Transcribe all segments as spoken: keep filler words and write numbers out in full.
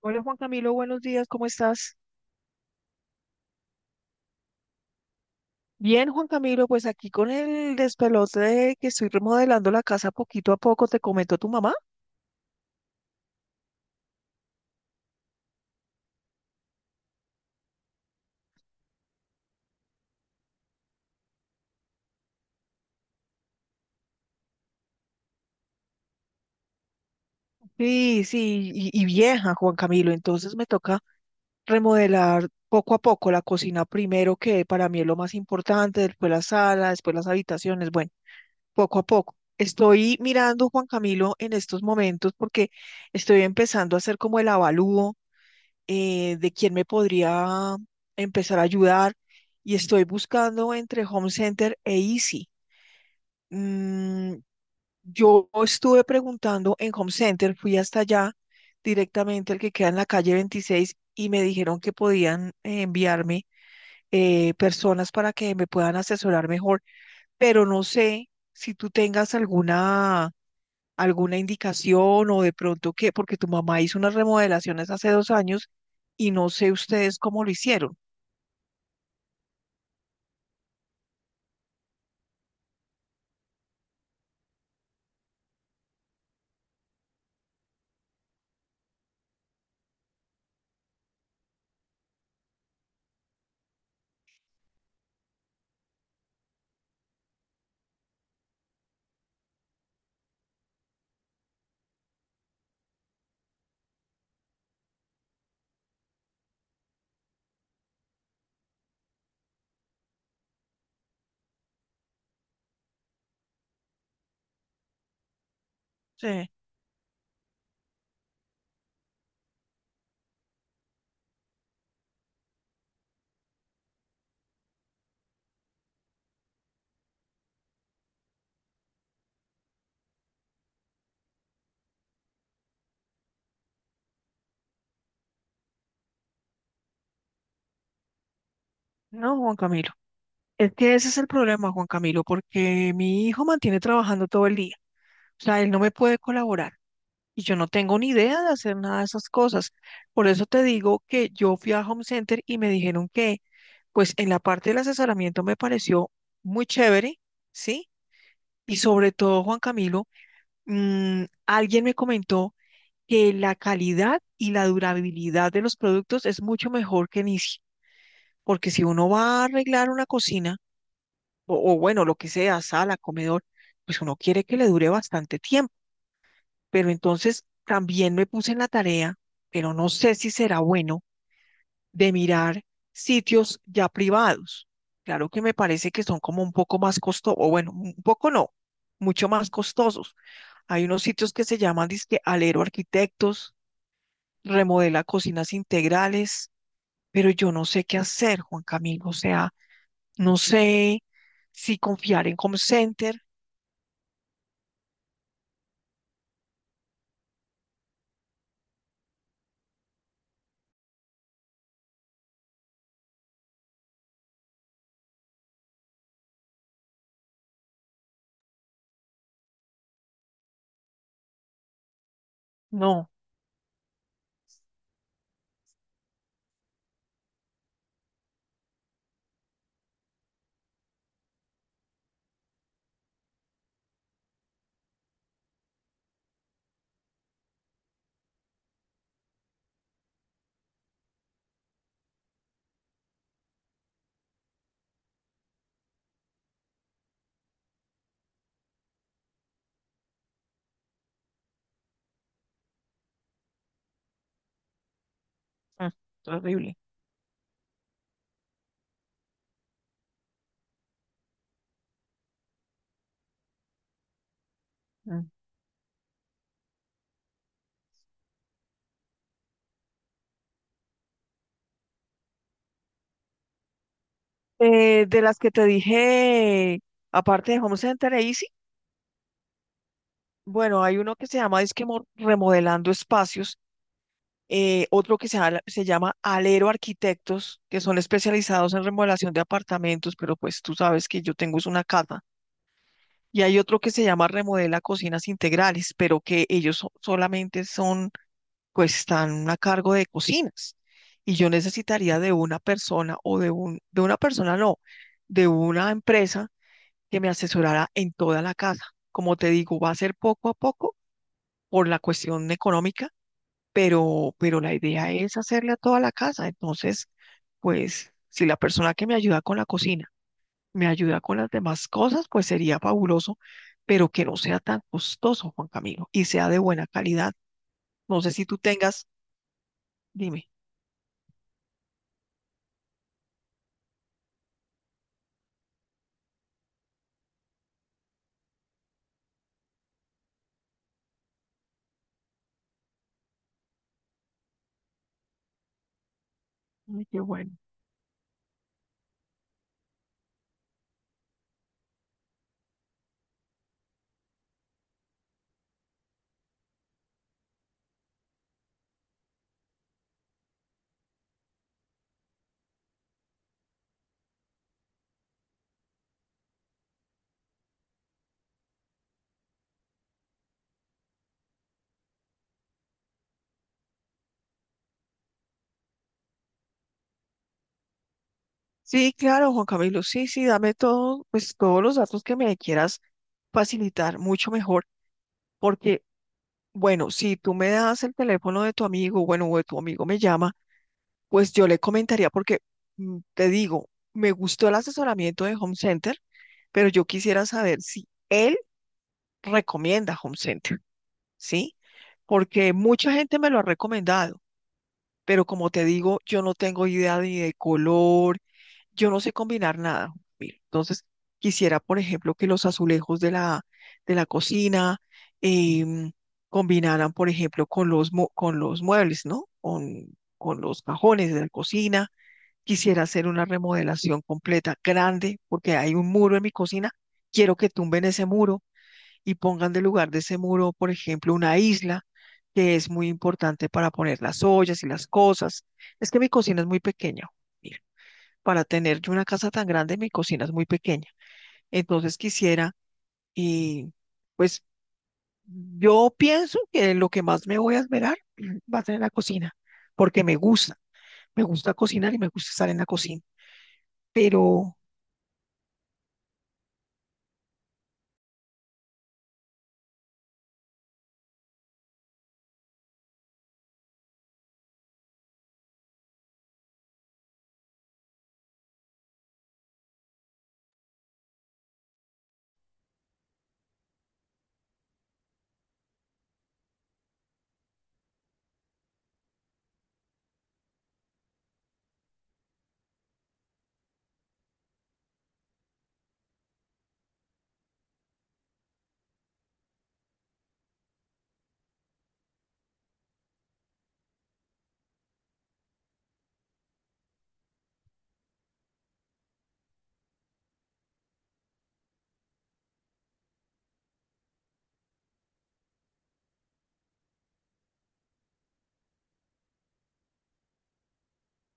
Hola Juan Camilo, buenos días, ¿cómo estás? Bien, Juan Camilo, pues aquí con el despelote de que estoy remodelando la casa poquito a poco, te comentó tu mamá. Sí, sí, y, y vieja, Juan Camilo, entonces me toca remodelar poco a poco la cocina primero, que para mí es lo más importante, después la sala, después las habitaciones, bueno, poco a poco. Estoy mirando, Juan Camilo, en estos momentos porque estoy empezando a hacer como el avalúo eh, de quién me podría empezar a ayudar y estoy buscando entre Home Center e Easy. Mm, yo estuve preguntando en Home Center, fui hasta allá directamente al que queda en la calle veintiséis y me dijeron que podían eh, enviarme eh, personas para que me puedan asesorar mejor, pero no sé si tú tengas alguna alguna indicación o de pronto qué, porque tu mamá hizo unas remodelaciones hace dos años y no sé ustedes cómo lo hicieron. Sí, no, Juan Camilo. Es que ese es el problema, Juan Camilo, porque mi hijo mantiene trabajando todo el día. O sea, él no me puede colaborar y yo no tengo ni idea de hacer nada de esas cosas. Por eso te digo que yo fui a Home Center y me dijeron que, pues en la parte del asesoramiento me pareció muy chévere, ¿sí? Y sobre todo, Juan Camilo, mm, alguien me comentó que la calidad y la durabilidad de los productos es mucho mejor que en Easy, porque si uno va a arreglar una cocina, o, o bueno, lo que sea, sala, comedor, pues uno quiere que le dure bastante tiempo. Pero entonces también me puse en la tarea, pero no sé si será bueno, de mirar sitios ya privados. Claro que me parece que son como un poco más costosos, o bueno, un poco no, mucho más costosos. Hay unos sitios que se llaman dizque Alero Arquitectos, remodela cocinas integrales, pero yo no sé qué hacer, Juan Camilo. O sea, no sé si confiar en Home Center. No, mm, terrible. Mm. Eh, de las que te dije, aparte de Home Center e Easy, bueno, hay uno que se llama Disque Mo- Remodelando Espacios, eh, otro que se, ala- se llama Alero Arquitectos, que son especializados en remodelación de apartamentos, pero pues tú sabes que yo tengo es una casa. Y hay otro que se llama Remodela Cocinas Integrales, pero que ellos so- solamente son, pues están a cargo de cocinas. Y yo necesitaría de una persona o de un, de una persona no, de una empresa que me asesorara en toda la casa. Como te digo, va a ser poco a poco por la cuestión económica, pero, pero la idea es hacerle a toda la casa. Entonces, pues, si la persona que me ayuda con la cocina me ayuda con las demás cosas, pues sería fabuloso, pero que no sea tan costoso, Juan Camilo, y sea de buena calidad. No sé si tú tengas, dime. Ay, qué bueno. Sí, claro, Juan Camilo, sí, sí, dame todo, pues todos los datos que me quieras facilitar, mucho mejor, porque, bueno, si tú me das el teléfono de tu amigo, bueno, o de tu amigo me llama, pues yo le comentaría, porque mm, te digo, me gustó el asesoramiento de Home Center, pero yo quisiera saber si él recomienda Home Center, ¿sí? Porque mucha gente me lo ha recomendado, pero como te digo, yo no tengo idea ni de color, yo no sé combinar nada. Mira, entonces, quisiera, por ejemplo, que los azulejos de la, de la cocina em, combinaran, por ejemplo, con los, mu- con los muebles, ¿no? Con, con los cajones de la cocina. Quisiera hacer una remodelación completa, grande, porque hay un muro en mi cocina. Quiero que tumben ese muro y pongan de lugar de ese muro, por ejemplo, una isla que es muy importante para poner las ollas y las cosas. Es que mi cocina es muy pequeña. Mira, para tener yo una casa tan grande, mi cocina es muy pequeña. Entonces quisiera, y pues yo pienso que lo que más me voy a esmerar va a ser en la cocina, porque me gusta, me gusta cocinar y me gusta estar en la cocina, pero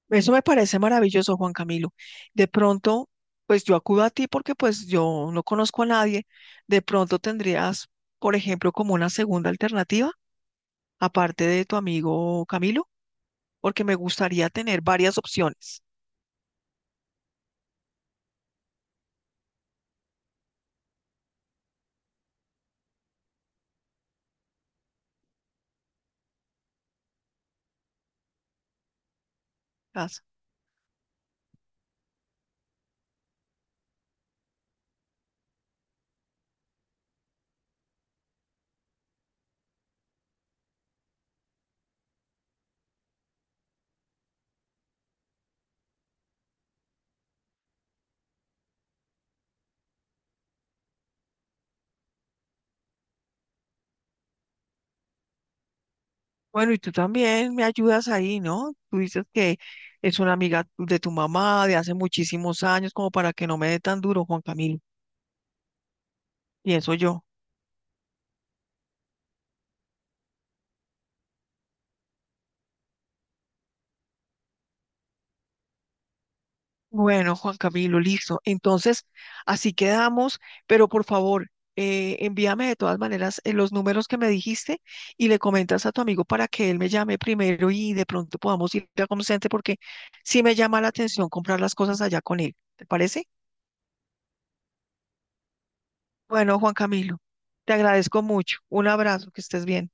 eso me parece maravilloso, Juan Camilo. De pronto, pues yo acudo a ti porque pues yo no conozco a nadie. De pronto tendrías, por ejemplo, como una segunda alternativa, aparte de tu amigo Camilo, porque me gustaría tener varias opciones. Gracias. Bueno, y tú también me ayudas ahí, ¿no? Tú dices que es una amiga de tu mamá de hace muchísimos años, como para que no me dé tan duro, Juan Camilo, pienso yo. Bueno, Juan Camilo, listo. Entonces, así quedamos, pero por favor, eh, envíame de todas maneras eh, los números que me dijiste y le comentas a tu amigo para que él me llame primero y de pronto podamos ir a Home Center porque sí me llama la atención comprar las cosas allá con él. ¿Te parece? Bueno, Juan Camilo, te agradezco mucho. Un abrazo, que estés bien.